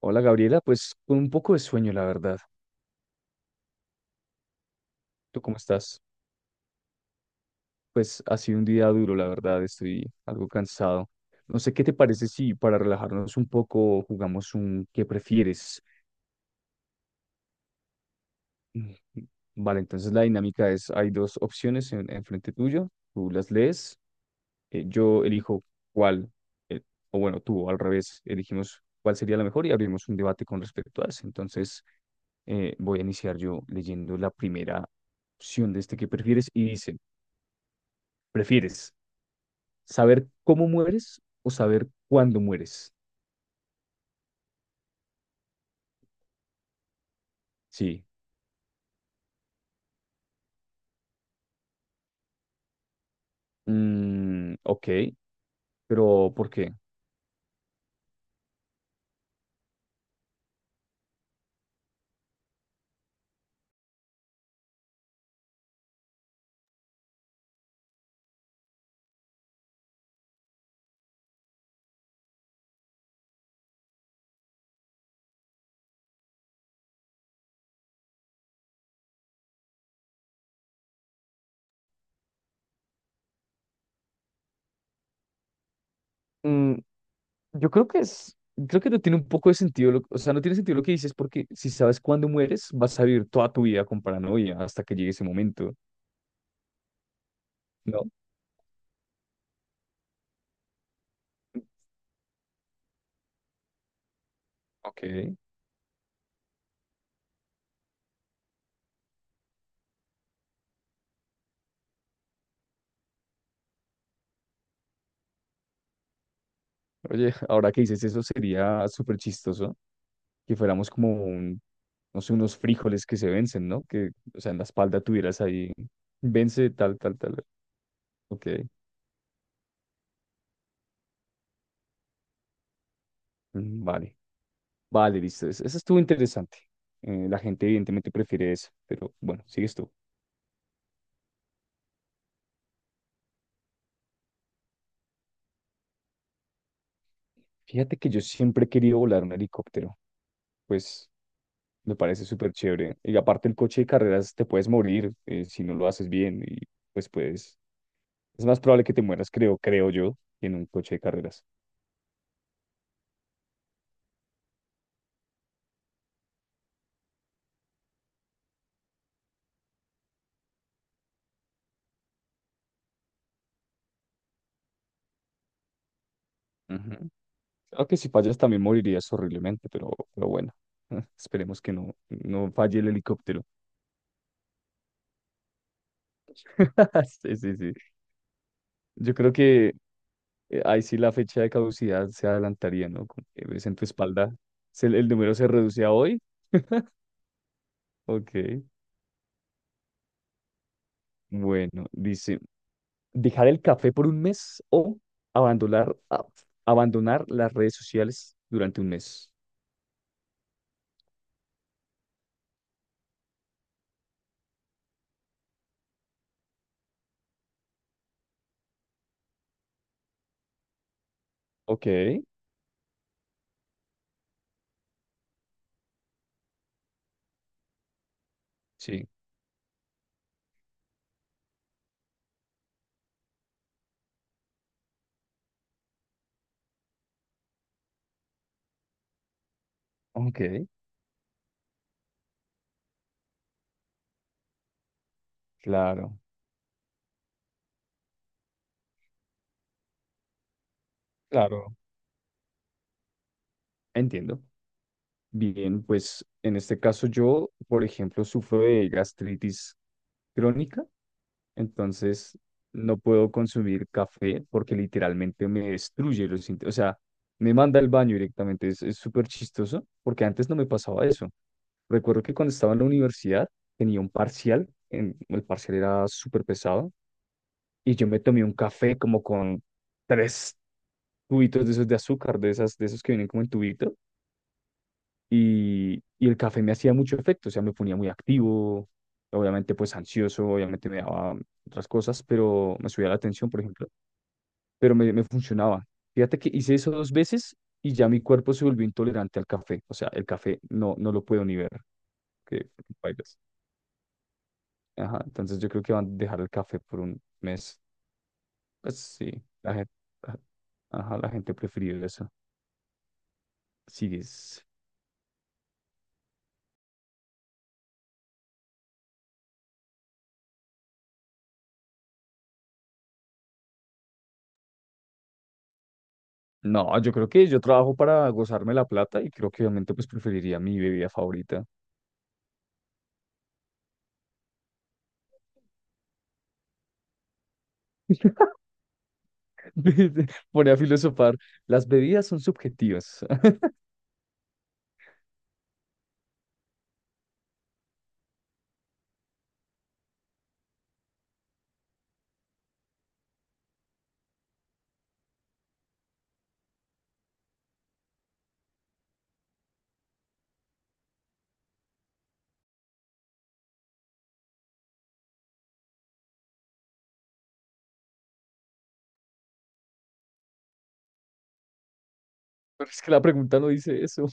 Hola Gabriela, pues con un poco de sueño, la verdad. ¿Tú cómo estás? Pues ha sido un día duro, la verdad, estoy algo cansado. No sé qué te parece si para relajarnos un poco jugamos un ¿qué prefieres? Mm. Vale, entonces la dinámica es, hay dos opciones enfrente tuyo, tú las lees, yo elijo cuál, eh, o bueno, tú al revés, elegimos cuál sería la mejor y abrimos un debate con respecto a eso. Entonces voy a iniciar yo leyendo la primera opción de este que prefieres y dice... ¿Prefieres saber cómo mueres o saber cuándo mueres? Sí. Mm, ok, pero ¿por qué? Mm, yo creo creo que no tiene un poco de sentido, o sea, no tiene sentido lo que dices porque si sabes cuándo mueres, vas a vivir toda tu vida con paranoia hasta que llegue ese momento, ¿no? Ok. Oye, ahora que dices eso sería súper chistoso que fuéramos como un, no sé, unos frijoles que se vencen, ¿no? Que, o sea, en la espalda tuvieras ahí, vence tal, tal, tal. Ok, mm, vale. Vale, listo. Eso estuvo interesante. La gente evidentemente prefiere eso, pero bueno, sigues tú. Fíjate que yo siempre he querido volar un helicóptero, pues me parece súper chévere. Y aparte el coche de carreras te puedes morir si no lo haces bien y pues puedes... Es más probable que te mueras, creo, creo yo, que en un coche de carreras. Ujú. Claro si fallas también morirías horriblemente, pero bueno, esperemos que no falle el helicóptero. Sí, sí, sí. Yo creo que ahí sí la fecha de caducidad se adelantaría, ¿no? Como que ves en tu espalda, el número se reduce a hoy. Ok, bueno, dice, dejar el café por un mes o abandonar, abandonar las redes sociales durante un mes. Ok, sí, ok, claro, claro, entiendo. Bien, pues en este caso yo, por ejemplo, sufro de gastritis crónica. Entonces, no puedo consumir café porque literalmente me destruye los o sea, me manda al baño directamente. Es súper chistoso porque antes no me pasaba eso. Recuerdo que cuando estaba en la universidad tenía un parcial. El parcial era súper pesado y yo me tomé un café como con tres tubitos de esos de azúcar, de esas, de esos que vienen como en tubito. Y el café me hacía mucho efecto. O sea, me ponía muy activo, obviamente pues ansioso, obviamente me daba otras cosas, pero me subía la atención, por ejemplo pero me funcionaba. Fíjate que hice eso dos veces y ya mi cuerpo se volvió intolerante al café. O sea, el café no, no lo puedo ni ver. Que bailas. Ajá, entonces yo creo que van a dejar el café por un mes. Pues sí, la gente, ajá, la gente prefiere eso. Sigues. No, yo creo que yo trabajo para gozarme la plata y creo que obviamente pues preferiría mi bebida favorita. Pone a filosofar, las bebidas son subjetivas. Pero es que la pregunta no dice eso.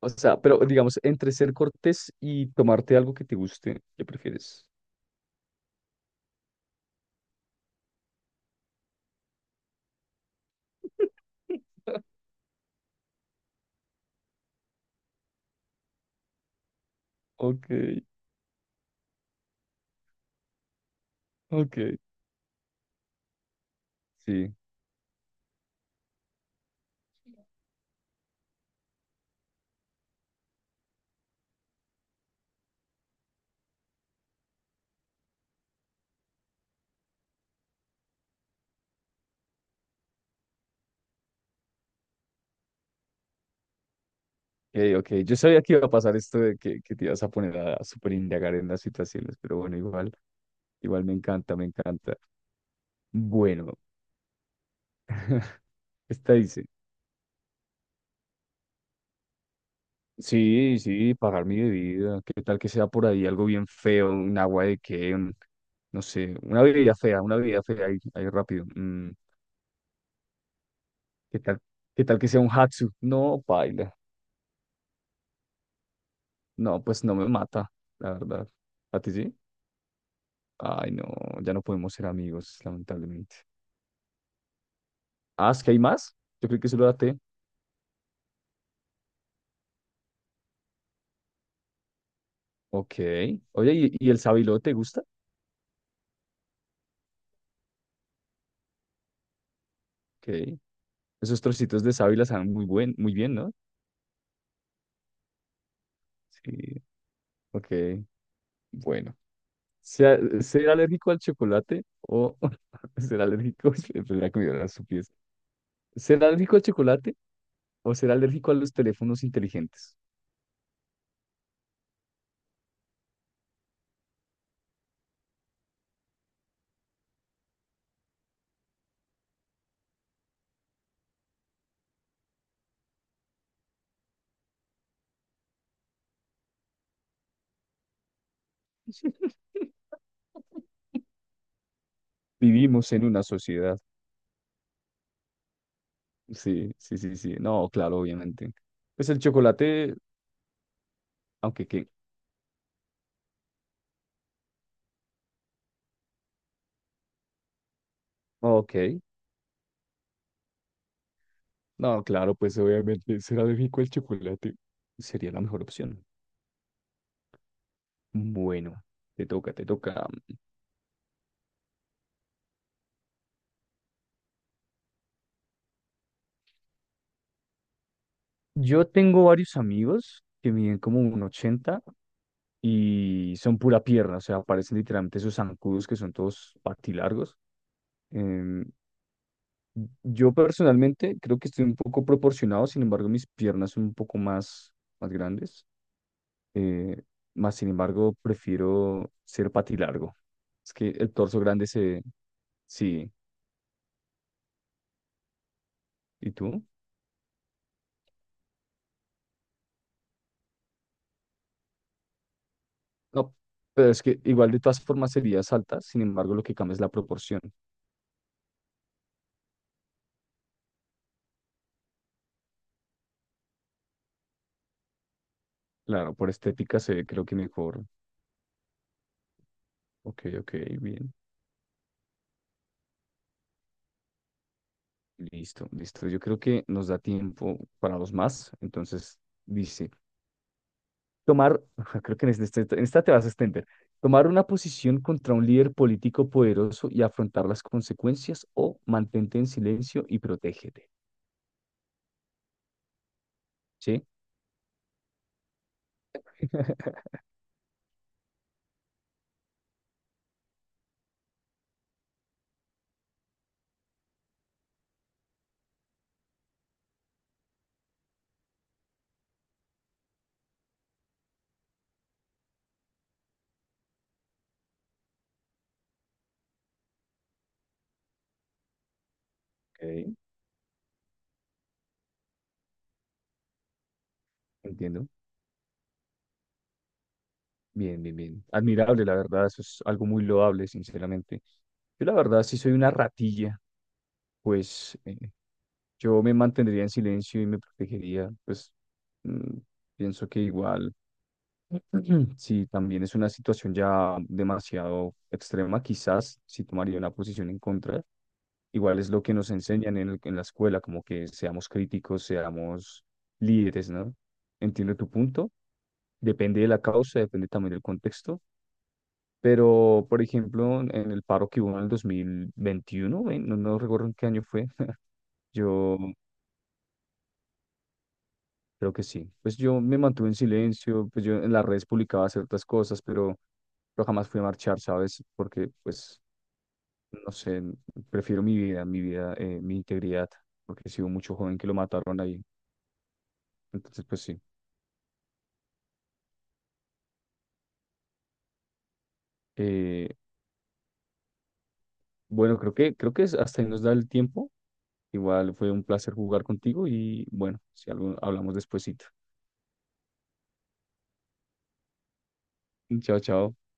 O sea, pero digamos, entre ser cortés y tomarte algo que te guste, ¿qué prefieres? Ok, ok, sí, ok, ok. Yo sabía que iba a pasar esto de que te ibas a poner a súper indagar en las situaciones, pero bueno, igual, igual me encanta, me encanta. Bueno, esta dice, sí, sí, pagar mi bebida, qué tal que sea por ahí algo bien feo, un agua de qué, no sé, una bebida fea ahí rápido. ¿Qué tal, qué tal que sea un hatsu? No, paila. No, pues no me mata, la verdad. ¿A ti sí? Ay, no, ya no podemos ser amigos, lamentablemente. Ah, ¿es que hay más? Yo creo que solo la té. Ok. Oye, ¿y el sábilo te gusta? Ok. Esos trocitos de sábila saben muy bien, ¿no? Sí. Ok. Bueno. ¿Ser alérgico al chocolate o ser alérgico? Pues la comida era su pieza. ¿Ser alérgico al chocolate o ser alérgico a los teléfonos inteligentes? Vivimos en una sociedad. Sí, sí, sí, sí. No, claro, obviamente. Pues el chocolate, aunque que. Ok. No, claro, pues obviamente será de rico el chocolate. Sería la mejor opción. Bueno, te toca, te toca. Yo tengo varios amigos que miden como un 80 y son pura pierna, o sea, parecen literalmente esos zancudos que son todos patilargos. Em, yo personalmente creo que estoy un poco proporcionado, sin embargo, mis piernas son un poco más grandes. Eh, más sin embargo, prefiero ser patilargo. Es que el torso grande se... Sí. ¿Y tú? No, pero es que igual de todas formas serías alta, sin embargo, lo que cambia es la proporción. Claro, por estética se ve creo que mejor. Ok, ok, bien. Listo, listo. Yo creo que nos da tiempo para los más. Entonces, dice, Tomar, creo que en esta te vas a extender, tomar una posición contra un líder político poderoso y afrontar las consecuencias o mantente en silencio y protégete, ¿sí? Ok, entiendo. Bien, bien, bien. Admirable, la verdad, eso es algo muy loable, sinceramente. Yo la verdad, si soy una ratilla, pues yo me mantendría en silencio y me protegería, pues mm, pienso que igual Sí, también es una situación ya demasiado extrema, quizás si tomaría una posición en contra. Igual es lo que nos enseñan en la escuela, como que seamos críticos, seamos líderes, ¿no? Entiendo tu punto. Depende de la causa, depende también del contexto. Pero, por ejemplo, en el paro que hubo en el 2021, ¿eh? No, no recuerdo en qué año fue. Yo creo que sí. Pues yo me mantuve en silencio, pues yo en las redes publicaba ciertas cosas, pero jamás fui a marchar, ¿sabes? Porque, pues, no sé, prefiero mi vida, mi vida, mi integridad, porque si hubo mucho joven que lo mataron ahí. Entonces, pues sí. Eh, bueno, hasta ahí nos da el tiempo. Igual fue un placer jugar contigo y bueno, si algo hablamos despuesito. Chao, chao.